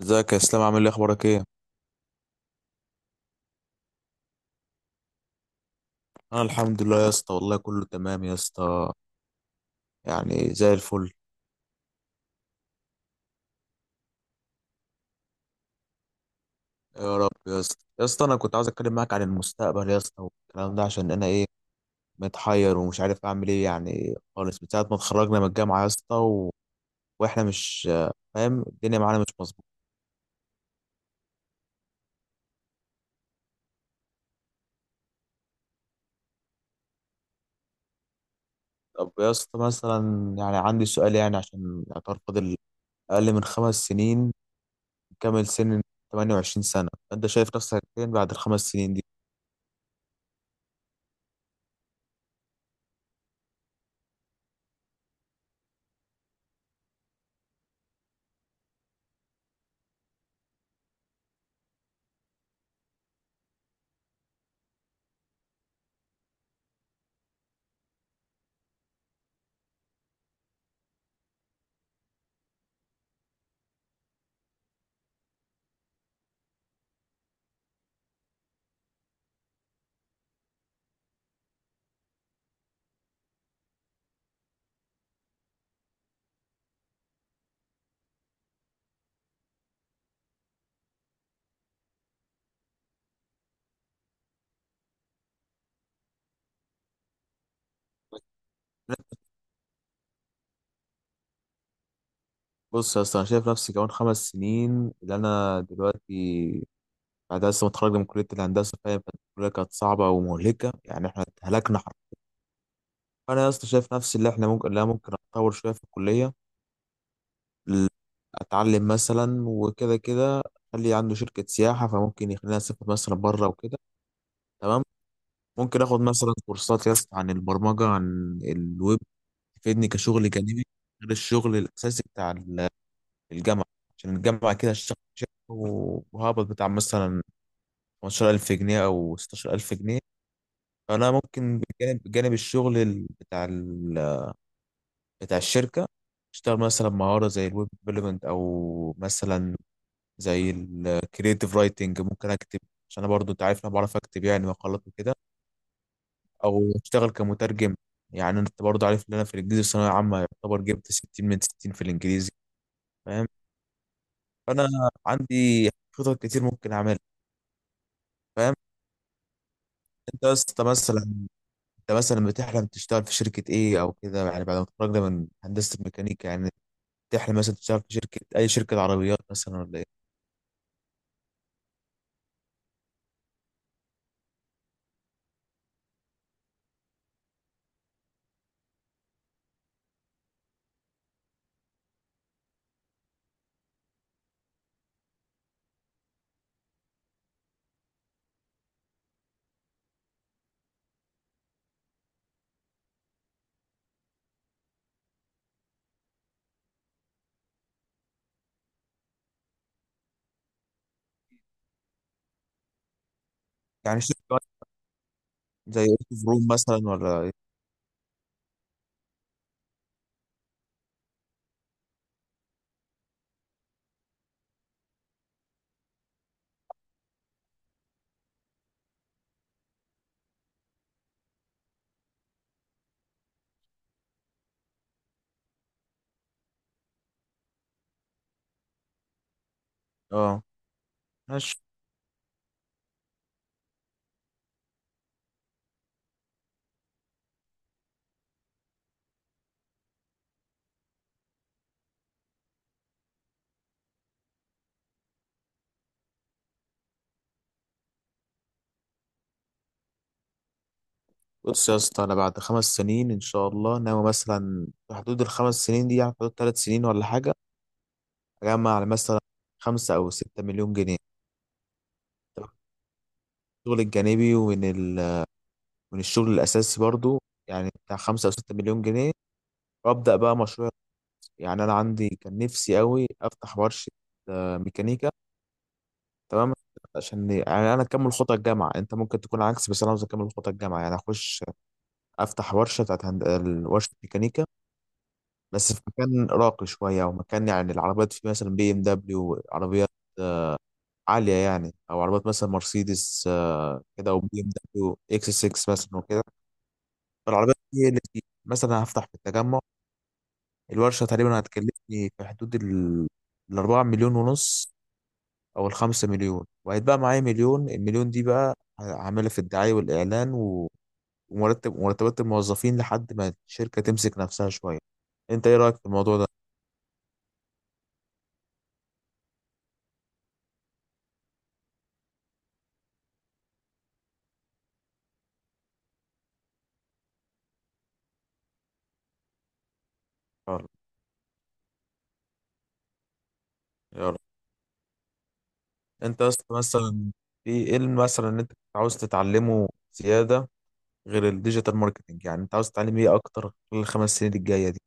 ازيك يا اسلام، عامل ايه، اخبارك ايه؟ انا الحمد لله يا اسطى، والله كله تمام يا اسطى، يعني زي الفل. يا رب يا اسطى، يا اسطى انا كنت عاوز اتكلم معاك عن المستقبل يا اسطى، والكلام ده عشان انا ايه، متحير ومش عارف اعمل ايه يعني خالص، من ساعه ما اتخرجنا من الجامعه يا اسطى واحنا مش فاهم الدنيا معانا مش مظبوطه. طب يا اسطى، مثلا يعني عندي سؤال، يعني عشان اعتبر فاضل اقل من خمس سنين نكمل سن 28 سنه، انت شايف نفسك فين بعد الخمس سنين دي؟ بص يا اسطى، انا شايف نفسي كمان خمس سنين اللي انا دلوقتي بعد لسه متخرج من كليه الهندسه، فاهم؟ كانت الكليه كانت صعبه ومهلكه يعني، احنا اتهلكنا حرفيا. فانا يا اسطى شايف نفسي اللي احنا ممكن لا ممكن اتطور شويه في الكليه، ال- اتعلم مثلا وكده كده، خلي عنده شركه سياحه فممكن يخلينا اسافر مثلا بره وكده، تمام. ممكن اخد مثلا كورسات يا اسطى عن البرمجه، عن الويب، تفيدني كشغل جانبي غير الشغل الاساسي بتاع الجامعة. عشان الجامعة كده هشتغل شهر وهقبض بتاع مثلا 15000 جنيه أو 16000 جنيه، فأنا ممكن بجانب الشغل بتاع بتاع الشركة، اشتغل مثلا مهارة زي الويب ديفلوبمنت، أو مثلا زي الكريتيف رايتنج، ممكن أكتب عشان أنا برضو أنت عارف أنا بعرف أكتب يعني مقالات وكده، أو أشتغل كمترجم. يعني أنت برضو عارف إن أنا في الإنجليزي الثانوية عامة يعتبر جبت 60 من 60 في الإنجليزي، فاهم؟ فأنا عندي خطط كتير ممكن أعملها، فاهم؟ انت يا اسطى مثلا، انت مثلا بتحلم تشتغل في شركه ايه او كده، يعني بعد ما تتخرج من هندسه الميكانيكا، يعني تحلم مثلا تشتغل في شركه، اي شركه عربيات مثلا ولا ايه؟ يعني شركه زي اوتو فروم مثلا ولا ايه؟ اه، ماشي. بص يا اسطى، انا بعد خمس سنين ان شاء الله ناوي مثلا في حدود الخمس سنين دي، يعني في حدود ثلاث سنين ولا حاجه، اجمع على مثلا خمسة او ستة مليون جنيه، طبعاً، من الشغل الجانبي ومن ال... من الشغل الاساسي برضو، يعني بتاع خمسة او ستة مليون جنيه، وابدا بقى مشروع. يعني انا عندي كان نفسي قوي افتح ورشه ميكانيكا، تمام. عشان يعني انا اكمل خطى الجامعه، انت ممكن تكون عكس بس انا عاوز اكمل خطى الجامعه، يعني اخش افتح ورشه بتاعت ورشه ميكانيكا، بس في مكان راقي شويه، او مكان يعني العربيات فيه مثلا بي ام دبليو، عربيات آه، عاليه يعني، او عربيات مثلا مرسيدس كده، او بي ام دبليو اكس 6 مثلا وكده. فالعربيات دي اللي فيه، مثلا هفتح في التجمع. الورشه تقريبا هتكلفني في حدود الأربعة مليون ونص او الخمسة مليون، وهيتبقى معايا مليون، المليون دي بقى هعملها في الدعاية والاعلان ومرتب مرتبات الموظفين لحد ما الشركة تمسك نفسها شوية. انت ايه رأيك في الموضوع ده؟ يلا، يلا. انت أصلاً مثلا، في ايه اللي مثلا ان انت عاوز تتعلمه زيادة غير الديجيتال ماركتنج، يعني انت عاوز تتعلم ايه اكتر خلال الخمس سنين الجاية دي؟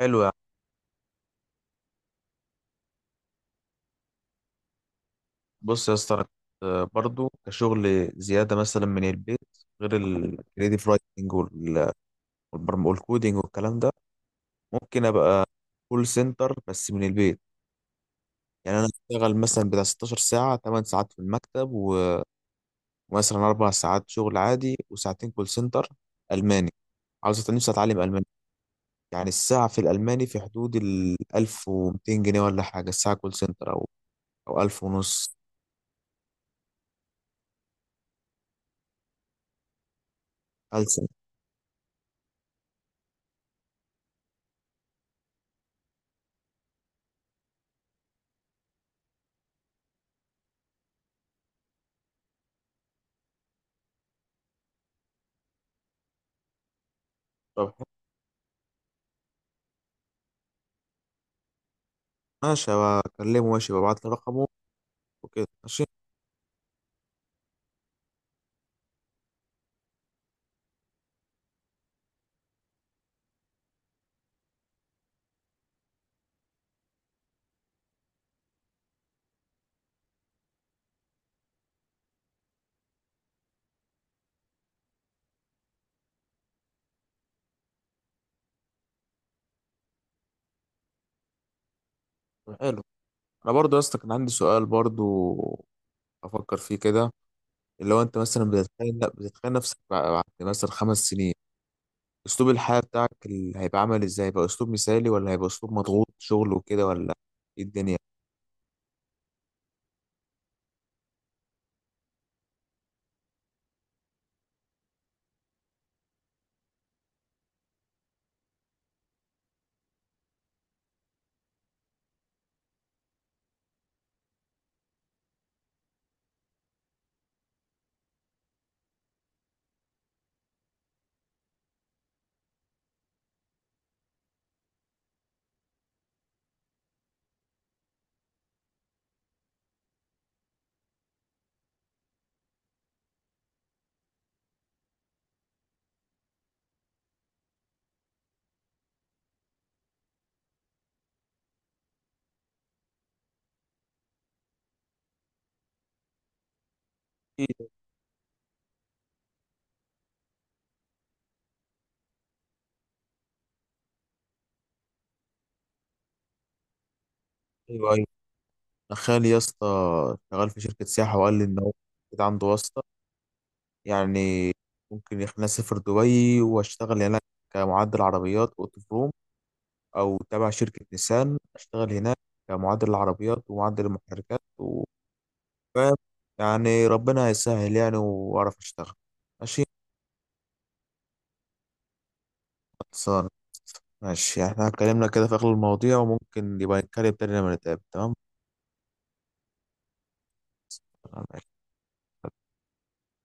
حلو يعني. بص يا اسطى، أنا كنت برضو كشغل زيادة مثلا من البيت غير الكريديف رايتنج والكودينج والكلام ده، ممكن ابقى كول سنتر بس من البيت، يعني انا اشتغل مثلا بتاع 16 ساعه، 8 ساعات في المكتب ومثلا 4 ساعات شغل عادي، وساعتين كول سنتر الماني. عاوز نفسي اتعلم الماني. يعني الساعه في الالماني في حدود ال 1200 جنيه ولا حاجه الساعه كول سنتر، او 1000 ونص. ألسن. طب حلو. ماشي، بكلمه، ماشي، ببعت له رقمه وكده، ماشي. طب حلو، انا برضو يا اسطى كان عندي سؤال برضو افكر فيه كده، اللي هو انت مثلا بتتخيل نفسك بعد مثلا خمس سنين، اسلوب الحياة بتاعك هيبقى عامل ازاي؟ هيبقى اسلوب مثالي ولا هيبقى اسلوب مضغوط شغل وكده، ولا ايه الدنيا؟ أكيد. ايوه، ايوه، أنا خالي يا اسطى شغال في شركة سياحة، وقال لي ان هو كده عنده واسطة، يعني ممكن يخليني اسافر دبي واشتغل هناك كمعدل عربيات اوتو بروم، او تابع شركة نيسان اشتغل هناك كمعدل عربيات ومعدل المحركات فاهم؟ يعني ربنا هيسهل يعني، واعرف اشتغل. ماشي، ماشي، يعني احنا اتكلمنا كده في اغلب المواضيع، وممكن يبقى نتكلم تاني لما نتقابل، تمام. ماشي.